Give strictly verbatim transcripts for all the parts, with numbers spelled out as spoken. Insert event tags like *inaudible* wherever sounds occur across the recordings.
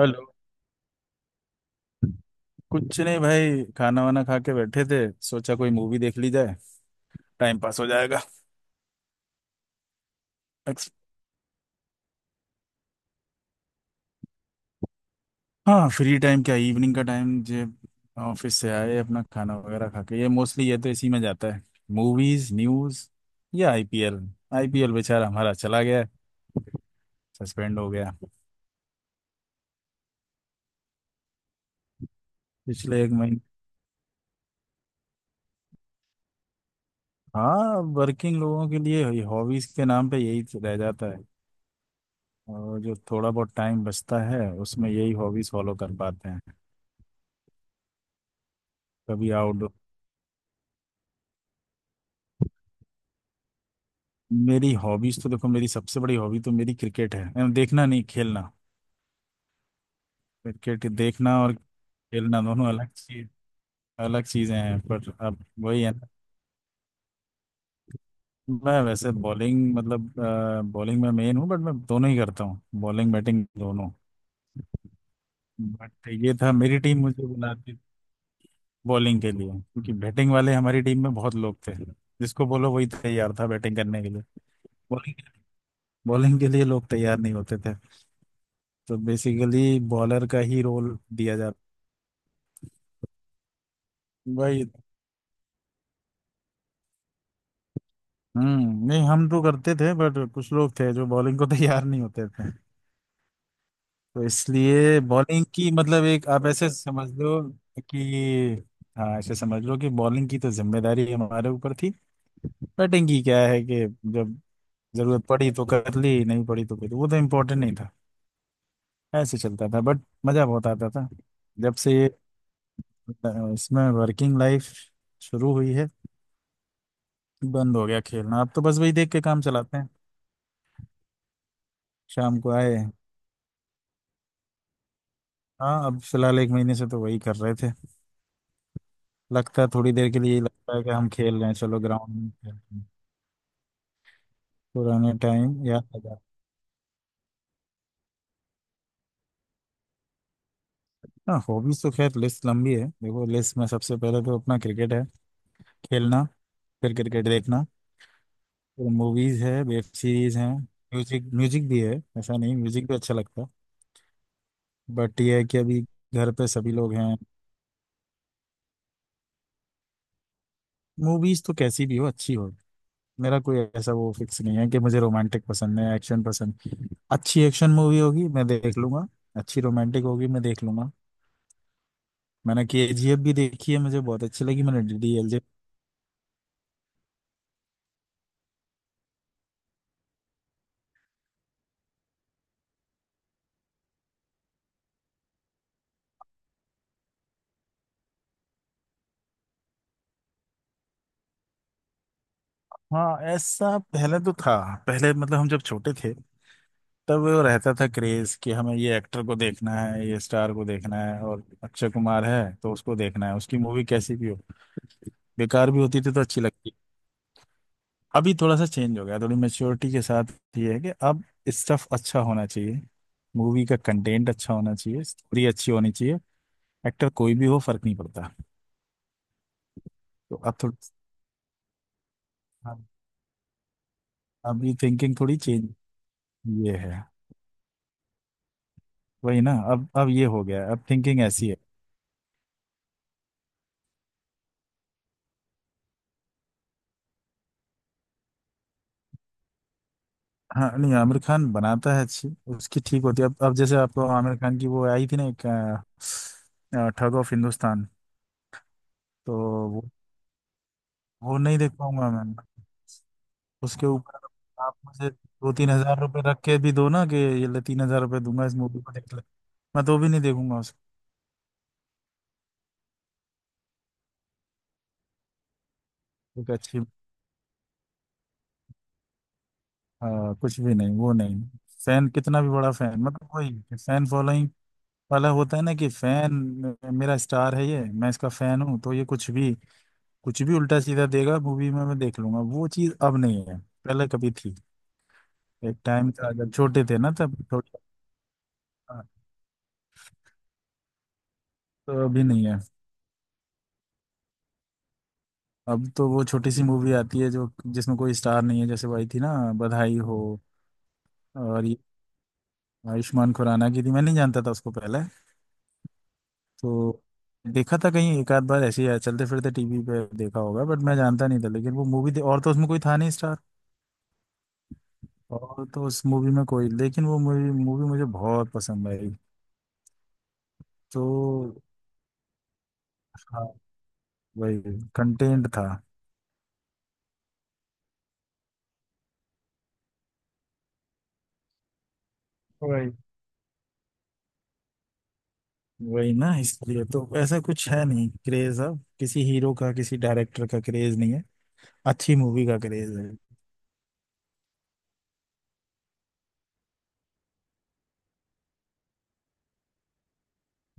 Hello. कुछ नहीं भाई, खाना वाना खा के बैठे थे। सोचा कोई मूवी देख ली जाए, टाइम पास हो जाएगा। एक्स- हाँ, फ्री टाइम क्या, इवनिंग का टाइम जे ऑफिस से आए, अपना खाना वगैरह खा के ये मोस्टली ये तो इसी में जाता है। मूवीज, न्यूज या आईपीएल। आईपीएल बेचारा हमारा चला गया, सस्पेंड हो गया पिछले एक महीने। हाँ, वर्किंग लोगों के लिए हॉबीज के नाम पे यही तो रह जाता है। और जो थोड़ा बहुत टाइम बचता है उसमें यही हॉबीज फॉलो कर पाते हैं। कभी। मेरी हॉबीज तो देखो, मेरी सबसे बड़ी हॉबी तो मेरी क्रिकेट है, एंड देखना नहीं, खेलना। क्रिकेट देखना और खेलना दोनों अलग चीज, अलग चीजें हैं। पर अब वही है ना, मैं वैसे बॉलिंग मतलब बॉलिंग में मेन हूँ, बट मैं दोनों ही करता हूँ, बॉलिंग बैटिंग दोनों। बट ये था, मेरी टीम मुझे बुलाती बॉलिंग के लिए, क्योंकि बैटिंग वाले हमारी टीम में बहुत लोग थे, जिसको बोलो वही तैयार था बैटिंग करने के लिए। बॉलिंग बॉलिंग के लिए लोग तैयार नहीं होते थे, तो बेसिकली बॉलर का ही रोल दिया जाता। वही। हम्म, नहीं हम तो करते थे, बट कुछ लोग थे जो बॉलिंग को *laughs* तैयार नहीं होते थे। तो इसलिए बॉलिंग की मतलब, एक आप ऐसे समझ लो कि, हाँ, ऐसे समझ लो कि बॉलिंग की तो जिम्मेदारी हमारे ऊपर थी। बैटिंग की क्या है कि जब जरूरत पड़ी तो कर ली, नहीं पड़ी तो कर ली, वो तो इम्पोर्टेंट नहीं था। ऐसे चलता था, बट मजा बहुत आता था। जब से ये अ, इसमें वर्किंग लाइफ शुरू हुई है, बंद हो गया खेलना। अब तो बस वही देख के काम चलाते हैं। शाम को आए। हाँ, अब फिलहाल एक महीने से तो वही कर रहे थे। लगता है थोड़ी देर के लिए ही, लगता है कि हम खेल रहे हैं, चलो ग्राउंड में खेलते हैं, पुराने टाइम याद आ जाते हैं। हाँ, हॉबीज तो खैर लिस्ट लंबी है, देखो लिस्ट में सबसे पहले तो अपना क्रिकेट है, खेलना। फिर क्रिकेट देखना, फिर मूवीज है, वेब सीरीज है, म्यूजिक, म्यूजिक भी है। ऐसा नहीं, म्यूजिक भी अच्छा लगता है। बट ये है कि अभी घर पे सभी लोग हैं। मूवीज तो कैसी भी हो, अच्छी हो। मेरा कोई ऐसा वो फिक्स नहीं है कि मुझे रोमांटिक पसंद है, एक्शन पसंद। अच्छी एक्शन मूवी होगी मैं देख लूंगा, अच्छी रोमांटिक होगी मैं देख लूंगा। मैंने केजीएफ भी देखी है, मुझे बहुत अच्छी लगी। मैंने डीडीएलजे। हाँ, ऐसा पहले तो था। पहले मतलब हम जब छोटे थे, तब वो रहता था क्रेज कि हमें ये एक्टर को देखना है, ये स्टार को देखना है, और अक्षय कुमार है तो उसको देखना है, उसकी मूवी कैसी भी हो, बेकार भी होती थी तो अच्छी लगती। अभी थोड़ा सा चेंज हो गया, थोड़ी मेच्योरिटी के साथ ये है कि अब स्टफ अच्छा होना चाहिए, मूवी का कंटेंट अच्छा होना चाहिए, स्टोरी अच्छी होनी चाहिए। एक्टर कोई भी हो, फर्क नहीं पड़ता। तो अब थोड़ी, अब अब ये थिंकिंग थोड़ी चेंज, ये है। वही ना, अब अब ये हो गया है, अब थिंकिंग ऐसी है। हाँ नहीं, आमिर खान बनाता है अच्छी, उसकी ठीक होती है। अब अब जैसे आपको आमिर खान की वो आई थी ना एक, अ, ठग ऑफ हिंदुस्तान। तो वो वो नहीं देख पाऊंगा मैं। उसके ऊपर आप मुझे दो तीन हजार रुपये रख के भी दो ना कि ये ले, तीन हजार रुपये दूंगा इस मूवी को देख ले, मैं तो भी नहीं देखूंगा उसको। एक अच्छी। आ, कुछ भी नहीं, वो नहीं। फैन कितना भी बड़ा फैन, मतलब वही फैन फॉलोइंग वाला होता है ना, कि फैन, मेरा स्टार है ये, मैं इसका फैन हूँ, तो ये कुछ भी कुछ भी उल्टा सीधा देगा मूवी में, मैं देख लूंगा, वो चीज अब नहीं है। पहले कभी थी, एक टाइम था जब छोटे थे ना, तब थोड़ी। हाँ, तो अभी नहीं है। अब तो वो छोटी सी मूवी आती है जो जिसमें कोई स्टार नहीं है, जैसे वही थी ना, बधाई हो। और ये आयुष्मान खुराना की थी, मैं नहीं जानता था उसको पहले। तो देखा था कहीं एक आध बार ऐसे ही चलते फिरते टीवी पे देखा होगा, बट मैं जानता नहीं था, लेकिन वो मूवी, और तो उसमें कोई था नहीं, और तो उस मूवी में कोई, लेकिन वो मूवी, मूवी मुझे बहुत पसंद आई। तो हाँ, वही कंटेंट था। वही वही ना, इसलिए तो ऐसा कुछ है नहीं, क्रेज अब किसी हीरो का, किसी डायरेक्टर का क्रेज नहीं है, अच्छी मूवी का क्रेज है।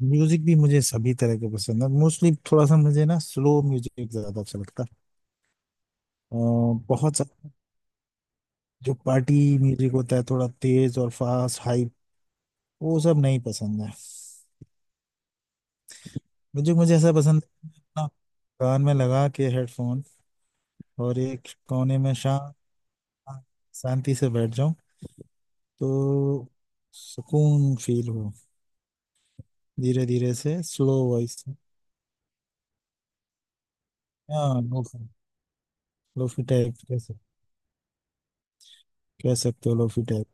म्यूजिक भी मुझे सभी तरह के पसंद है, मोस्टली थोड़ा सा मुझे ना स्लो म्यूजिक ज्यादा अच्छा लगता है। अ, बहुत सा जो पार्टी म्यूजिक होता है, थोड़ा तेज और फास्ट हाई, वो सब नहीं पसंद है। म्यूजिक मुझे ऐसा पसंद है ना, कान में लगा के हेडफोन और एक कोने में शांत, शांति से बैठ जाऊं, तो सुकून फील हो। धीरे धीरे से स्लो वॉइस, हाँ लोफी, लोफी टाइप कह सक- कह सकते हो लोफी टाइप।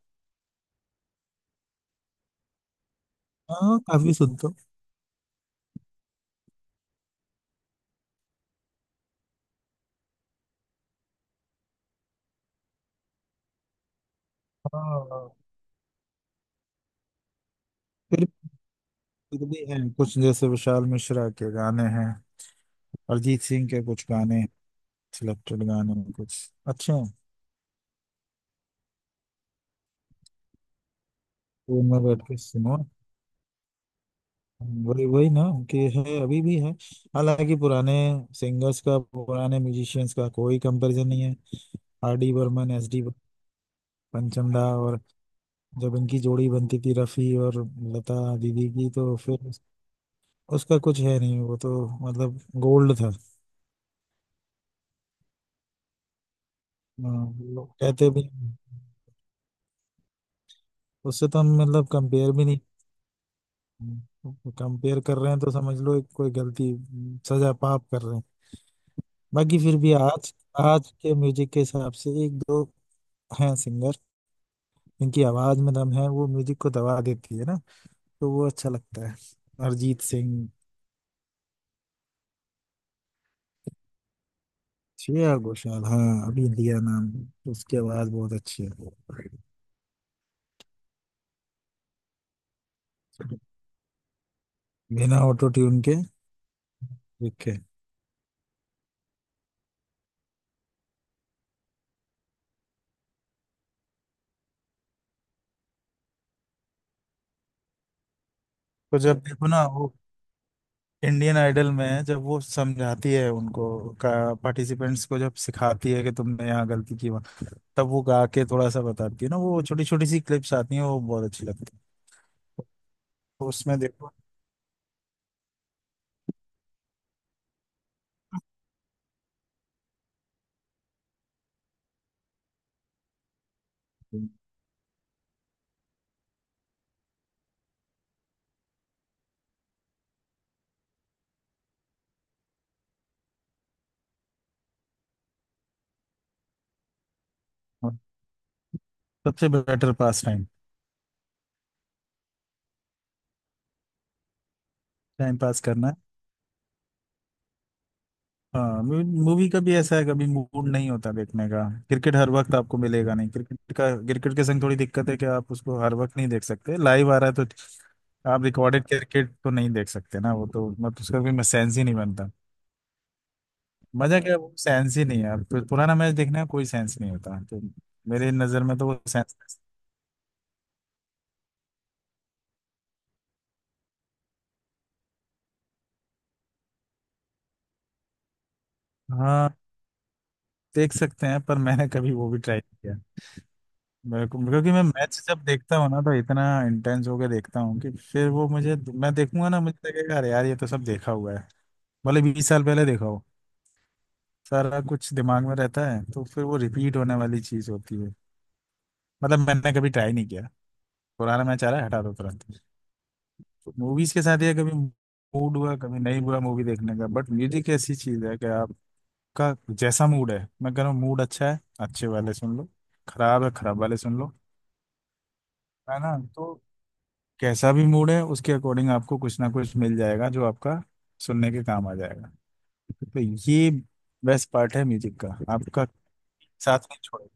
हाँ, काफी सुनते हो। हाँ फिर फिर भी है कुछ, जैसे विशाल मिश्रा के गाने हैं, अरिजीत सिंह के कुछ गाने, सिलेक्टेड गाने हैं कुछ अच्छे हैं, तो उनमें बैठ के सुनो। वही वही ना, कि है, अभी भी है, हालांकि पुराने सिंगर्स का, पुराने म्यूजिशियंस का कोई कंपैरिजन नहीं है। R D Burman, S D पंचमदा, और जब इनकी जोड़ी बनती थी रफी और लता दीदी की, तो फिर उस- उसका कुछ है नहीं, वो तो मतलब गोल्ड था। हाँ, लोग कहते भी हैं। उससे तो हम मतलब कंपेयर भी नहीं, कंपेयर कर रहे हैं तो समझ लो एक कोई गलती, सजा पाप कर रहे हैं। बाकी फिर भी आज, आज के म्यूजिक के हिसाब से एक दो हैं सिंगर, इनकी आवाज में दम है, वो म्यूजिक को दबा देती है ना, तो वो अच्छा लगता है। अरिजीत सिंह, श्रेया घोषाल। हाँ, अभी लिया नाम, उसकी आवाज बहुत अच्छी है, बिना ऑटो ट्यून के लिखे। तो जब देखो ना वो इंडियन आइडल में, जब वो समझाती है उनको का पार्टिसिपेंट्स को, जब सिखाती है कि तुमने यहाँ गलती की वहाँ, तब वो गा के थोड़ा सा बताती है ना, वो छोटी छोटी सी क्लिप्स आती हैं, वो बहुत अच्छी लगती है। तो उसमें देखो, सबसे better pass time, time pass करना। हाँ, मूवी का भी ऐसा है, कभी मूड नहीं होता देखने का। क्रिकेट हर वक्त आपको मिलेगा नहीं, क्रिकेट का, क्रिकेट के संग थोड़ी दिक्कत है कि आप उसको हर वक्त नहीं देख सकते, लाइव आ रहा है तो, आप रिकॉर्डेड क्रिकेट तो नहीं देख सकते ना, वो तो मतलब उसका भी सेंस ही नहीं बनता। मजा क्या है, वो सेंस ही नहीं है, आप तो पुराना मैच देखने का कोई सेंस नहीं होता, तो मेरे नजर में तो वो सेंस। हाँ देख सकते हैं, पर मैंने कभी वो भी ट्राई किया, बिल्कुल, क्योंकि मैं मैच जब देखता हूँ ना, तो इतना इंटेंस होके देखता हूँ कि फिर वो मुझे, मैं देखूंगा ना मुझे लगेगा अरे यार ये तो सब देखा हुआ है, भले बीस साल पहले देखा हो, सारा कुछ दिमाग में रहता है, तो फिर वो रिपीट होने वाली चीज होती है, मतलब मैंने कभी ट्राई नहीं किया। पुराना मैच आ रहा है, हटा दो तुरंत। मूवीज के साथ ये कभी मूड हुआ, कभी नहीं हुआ मूवी देखने का, बट म्यूजिक ऐसी चीज है कि आपका जैसा मूड है, मैं कह रहा हूँ मूड अच्छा है, अच्छे वाले सुन लो, खराब है, खराब वाले सुन लो, है ना। तो कैसा भी मूड है, उसके अकॉर्डिंग आपको कुछ ना कुछ मिल जाएगा जो आपका सुनने के काम आ जाएगा। तो ये बेस्ट पार्ट है म्यूजिक का, आपका साथ नहीं छोड़ेगा,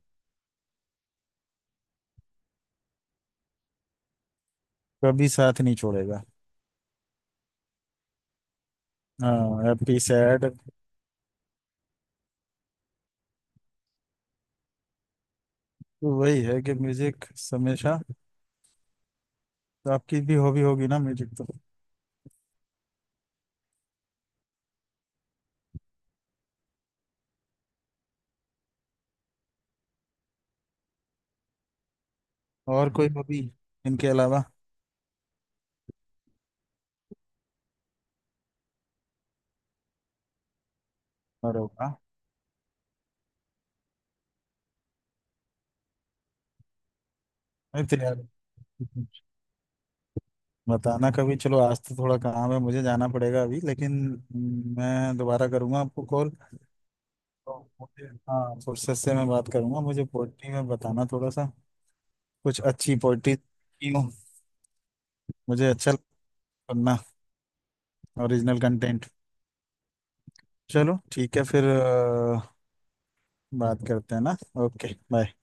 कभी साथ नहीं छोड़ेगा। हाँ हैप्पी सैड, तो वही है कि म्यूजिक हमेशा। तो आपकी भी हॉबी होगी ना म्यूजिक? तो और कोई हॉबी इनके अलावा और होगा? नहीं तो यार बताना कभी। चलो आज तो थोड़ा काम है मुझे, जाना पड़ेगा अभी, लेकिन मैं दोबारा करूंगा आपको कॉल। हाँ फुर्सत से मैं बात करूंगा, मुझे पोइट्री में बताना थोड़ा सा, कुछ अच्छी पोइट्री, क्यों, मुझे अच्छा लगता है पढ़ना, ओरिजिनल कंटेंट। चलो ठीक है फिर, अ, बात करते हैं ना। Okay bye.